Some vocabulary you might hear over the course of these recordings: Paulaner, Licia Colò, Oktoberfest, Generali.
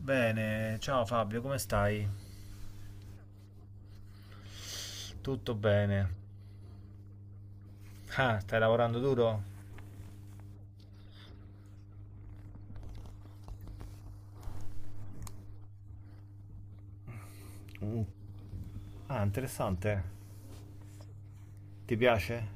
Bene, ciao Fabio, come stai? Tutto bene. Ah, stai lavorando duro? Mm. Ah, interessante. Ti piace?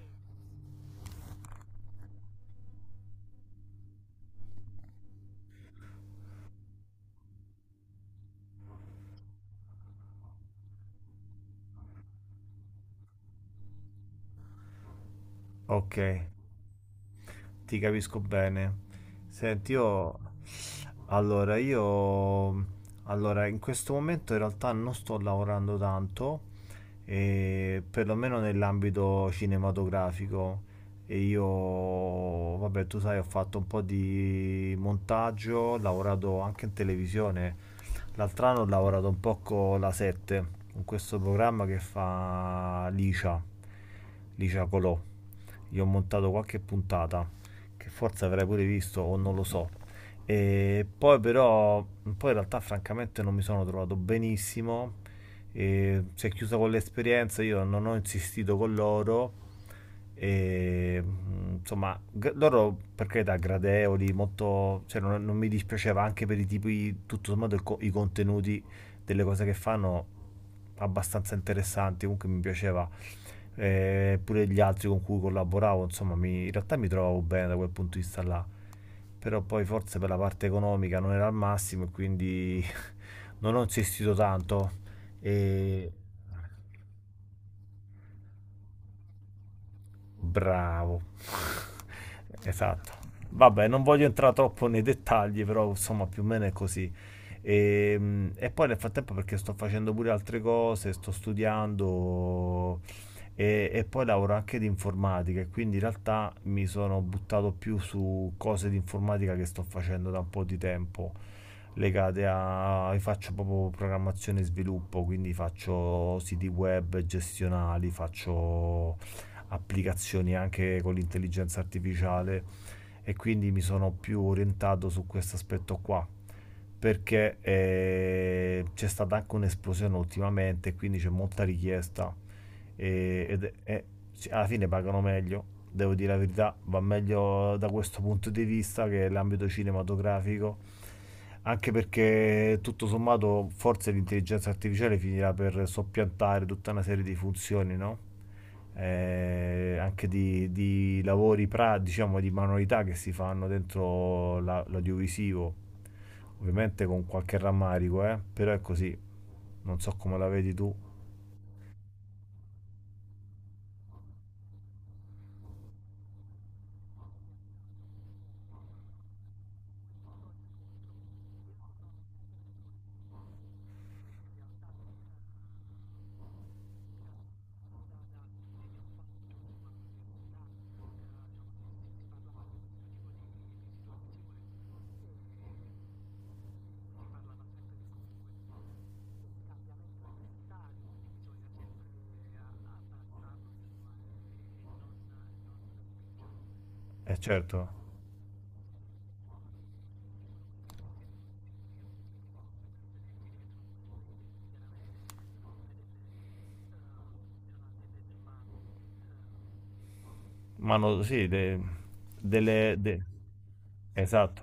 Ok, ti capisco bene. Senti, io... Allora, in questo momento in realtà non sto lavorando tanto, perlomeno nell'ambito cinematografico. E io, vabbè, tu sai, ho fatto un po' di montaggio, ho lavorato anche in televisione. L'altro anno ho lavorato un po' con la 7, con questo programma che fa Licia, Licia Colò. Gli ho montato qualche puntata, che forse avrai pure visto o non lo so. E poi però, poi in realtà francamente non mi sono trovato benissimo, e si è chiusa con l'esperienza, io non ho insistito con loro e, insomma, loro per carità gradevoli, molto, cioè, non mi dispiaceva anche per i tipi, tutto sommato i contenuti delle cose che fanno abbastanza interessanti, comunque mi piaceva. Pure gli altri con cui collaboravo, insomma, in realtà mi trovavo bene da quel punto di vista là, però poi forse per la parte economica non era al massimo e quindi non ho insistito tanto e Bravo. Esatto. Vabbè, non voglio entrare troppo nei dettagli, però insomma più o meno è così. E poi nel frattempo perché sto facendo pure altre cose, sto studiando e poi lavoro anche di informatica e quindi in realtà mi sono buttato più su cose di informatica che sto facendo da un po' di tempo, io faccio proprio programmazione e sviluppo, quindi faccio siti web gestionali, faccio applicazioni anche con l'intelligenza artificiale e quindi mi sono più orientato su questo aspetto qua perché c'è stata anche un'esplosione ultimamente quindi c'è molta richiesta. E, ed- e sì, alla fine pagano meglio, devo dire la verità, va meglio da questo punto di vista che l'ambito cinematografico, anche perché tutto sommato forse l'intelligenza artificiale finirà per soppiantare tutta una serie di funzioni, no? Anche di, lavori, diciamo, di manualità che si fanno l'audiovisivo. Ovviamente con qualche rammarico, però è così. Non so come la vedi tu. Eh certo. Ma no, sì, delle... de- esatto,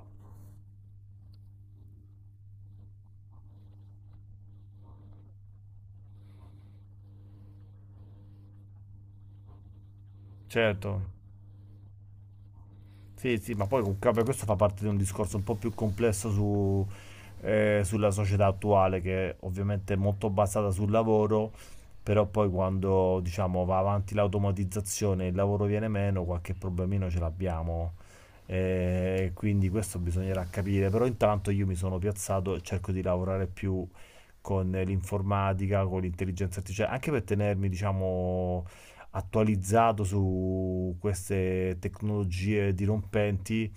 certo. Sì, sì, ma poi comunque vabbè, questo fa parte di un discorso un po' più complesso sulla società attuale, che ovviamente è molto basata sul lavoro, però poi quando diciamo va avanti l'automatizzazione e il lavoro viene meno, qualche problemino ce l'abbiamo. Quindi questo bisognerà capire, però intanto io mi sono piazzato e cerco di lavorare più con l'informatica, con l'intelligenza artificiale, anche per tenermi, diciamo, attualizzato su queste tecnologie dirompenti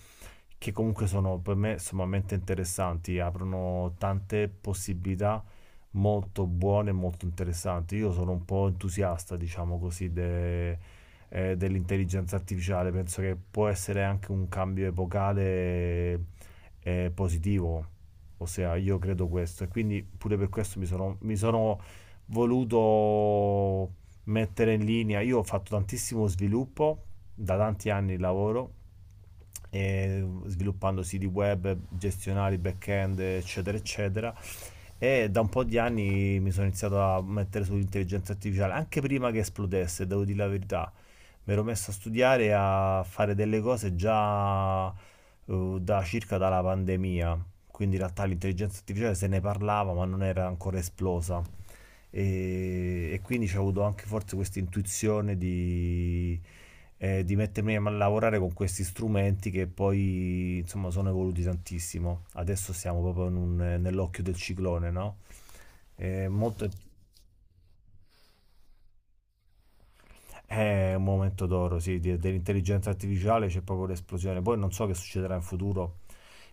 che comunque sono per me sommamente interessanti, aprono tante possibilità molto buone e molto interessanti. Io sono un po' entusiasta, diciamo così, dell'intelligenza artificiale, penso che può essere anche un cambio epocale, positivo, ossia io credo questo e quindi pure per questo mi sono voluto mettere in linea. Io ho fatto tantissimo sviluppo, da tanti anni lavoro, e sviluppando siti web, gestionali, back-end, eccetera, eccetera. E da un po' di anni mi sono iniziato a mettere sull'intelligenza artificiale, anche prima che esplodesse, devo dire la verità. Mi ero messo a studiare e a fare delle cose già, da circa dalla pandemia. Quindi in realtà l'intelligenza artificiale se ne parlava, ma non era ancora esplosa e quindi ho avuto anche forse questa intuizione di mettermi a lavorare con questi strumenti che poi insomma sono evoluti tantissimo. Adesso siamo proprio nell'occhio del ciclone, no? È molto È un momento d'oro, sì, dell'intelligenza artificiale c'è proprio l'esplosione. Poi non so che succederà in futuro,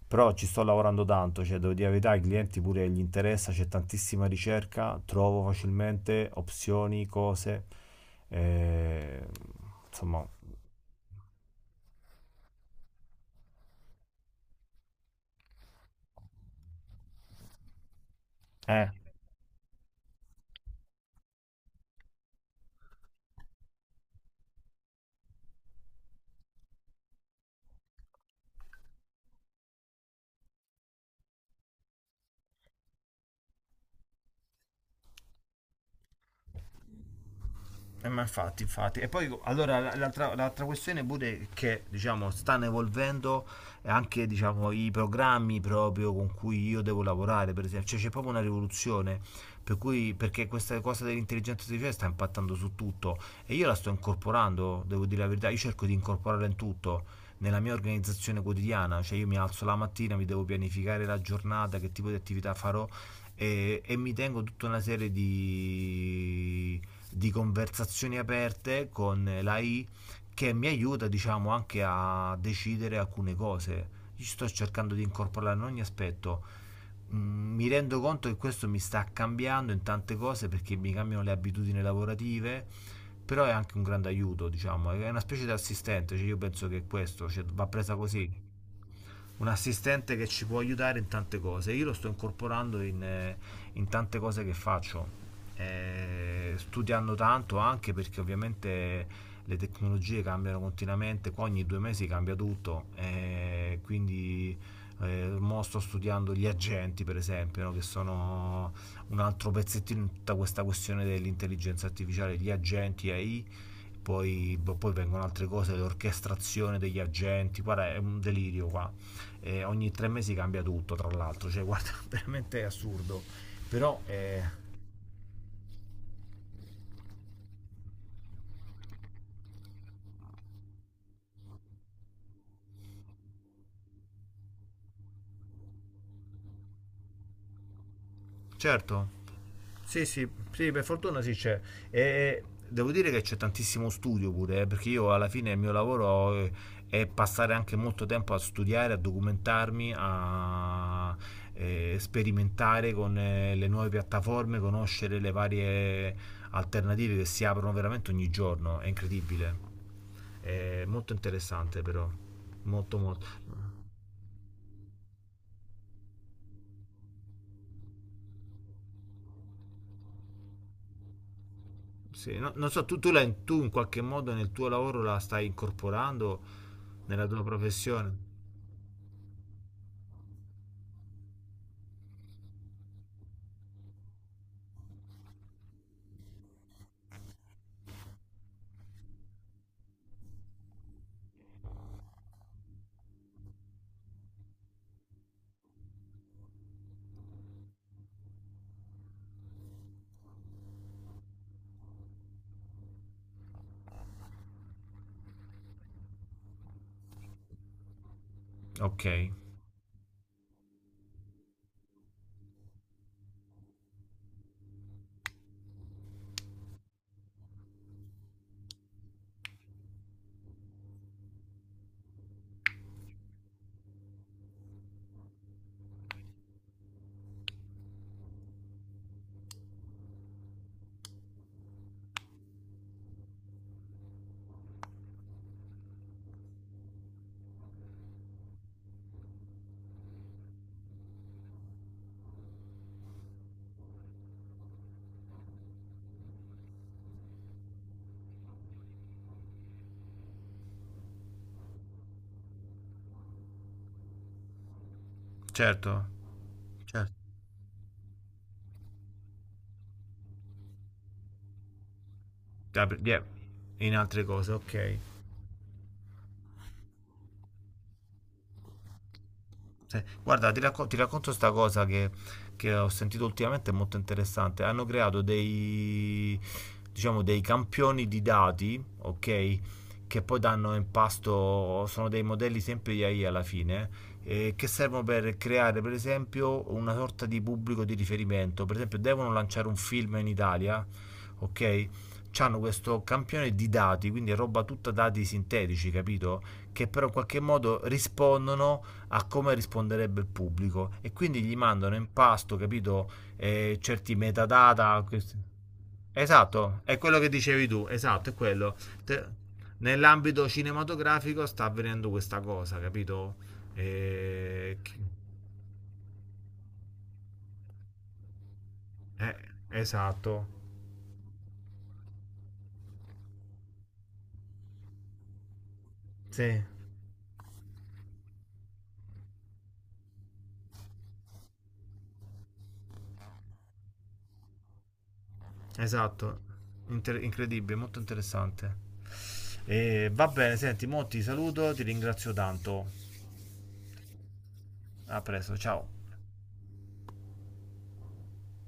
però ci sto lavorando tanto, cioè devo dire la verità, ai clienti pure gli interessa, c'è tantissima ricerca, trovo facilmente opzioni, cose, eh, insomma, eh. Ma infatti, infatti. E poi allora l'altra questione pure è che diciamo stanno evolvendo anche diciamo, i programmi proprio con cui io devo lavorare, per esempio. Cioè c'è proprio una rivoluzione. Per cui, perché questa cosa dell'intelligenza artificiale sta impattando su tutto e io la sto incorporando, devo dire la verità, io cerco di incorporarla in tutto nella mia organizzazione quotidiana, cioè io mi alzo la mattina, mi devo pianificare la giornata, che tipo di attività farò e mi tengo tutta una serie di conversazioni aperte con l'AI che mi aiuta, diciamo, anche a decidere alcune cose. Io sto cercando di incorporarlo in ogni aspetto. Mi rendo conto che questo mi sta cambiando in tante cose perché mi cambiano le abitudini lavorative, però è anche un grande aiuto, diciamo, è una specie di assistente, cioè io penso che questo, cioè, va presa così. Un assistente che ci può aiutare in tante cose. Io lo sto incorporando in tante cose che faccio, studiando tanto anche perché ovviamente le tecnologie cambiano continuamente, qua ogni 2 mesi cambia tutto, quindi mo sto studiando gli agenti per esempio, no, che sono un altro pezzettino in tutta questa questione dell'intelligenza artificiale, gli agenti AI poi, boh, poi vengono altre cose, l'orchestrazione degli agenti, guarda è un delirio qua. E ogni 3 mesi cambia tutto tra l'altro, cioè guarda veramente è assurdo, però Certo. Sì, sì, sì, per fortuna sì c'è. E devo dire che c'è tantissimo studio pure, perché io alla fine il mio lavoro, è passare anche molto tempo a studiare, a documentarmi, a sperimentare con le nuove piattaforme, conoscere le varie alternative che si aprono veramente ogni giorno. È incredibile. È molto interessante però. Molto molto. Sì, non so, tu in qualche modo nel tuo lavoro la stai incorporando nella tua professione? Ok, certo, certo. Ah, yeah, in altre cose, ok. Sì. Guarda, ti racconto questa cosa che ho sentito ultimamente, è molto interessante. Hanno creato dei, diciamo, dei campioni di dati, ok? Che poi danno in pasto, sono dei modelli sempre di AI alla fine, che servono per creare, per esempio, una sorta di pubblico di riferimento. Per esempio, devono lanciare un film in Italia, ok? C'hanno questo campione di dati, quindi è roba tutta dati sintetici, capito? Che però in qualche modo rispondono a come risponderebbe il pubblico e quindi gli mandano in pasto, capito, certi metadata. Esatto, è quello che dicevi tu, esatto, è quello. Te- Nell'ambito cinematografico sta avvenendo questa cosa, capito? Eh, chi- eh, esatto, sì, esatto. Incredibile, molto interessante. Va bene, senti, mo ti saluto, ti ringrazio tanto. A presto, ciao.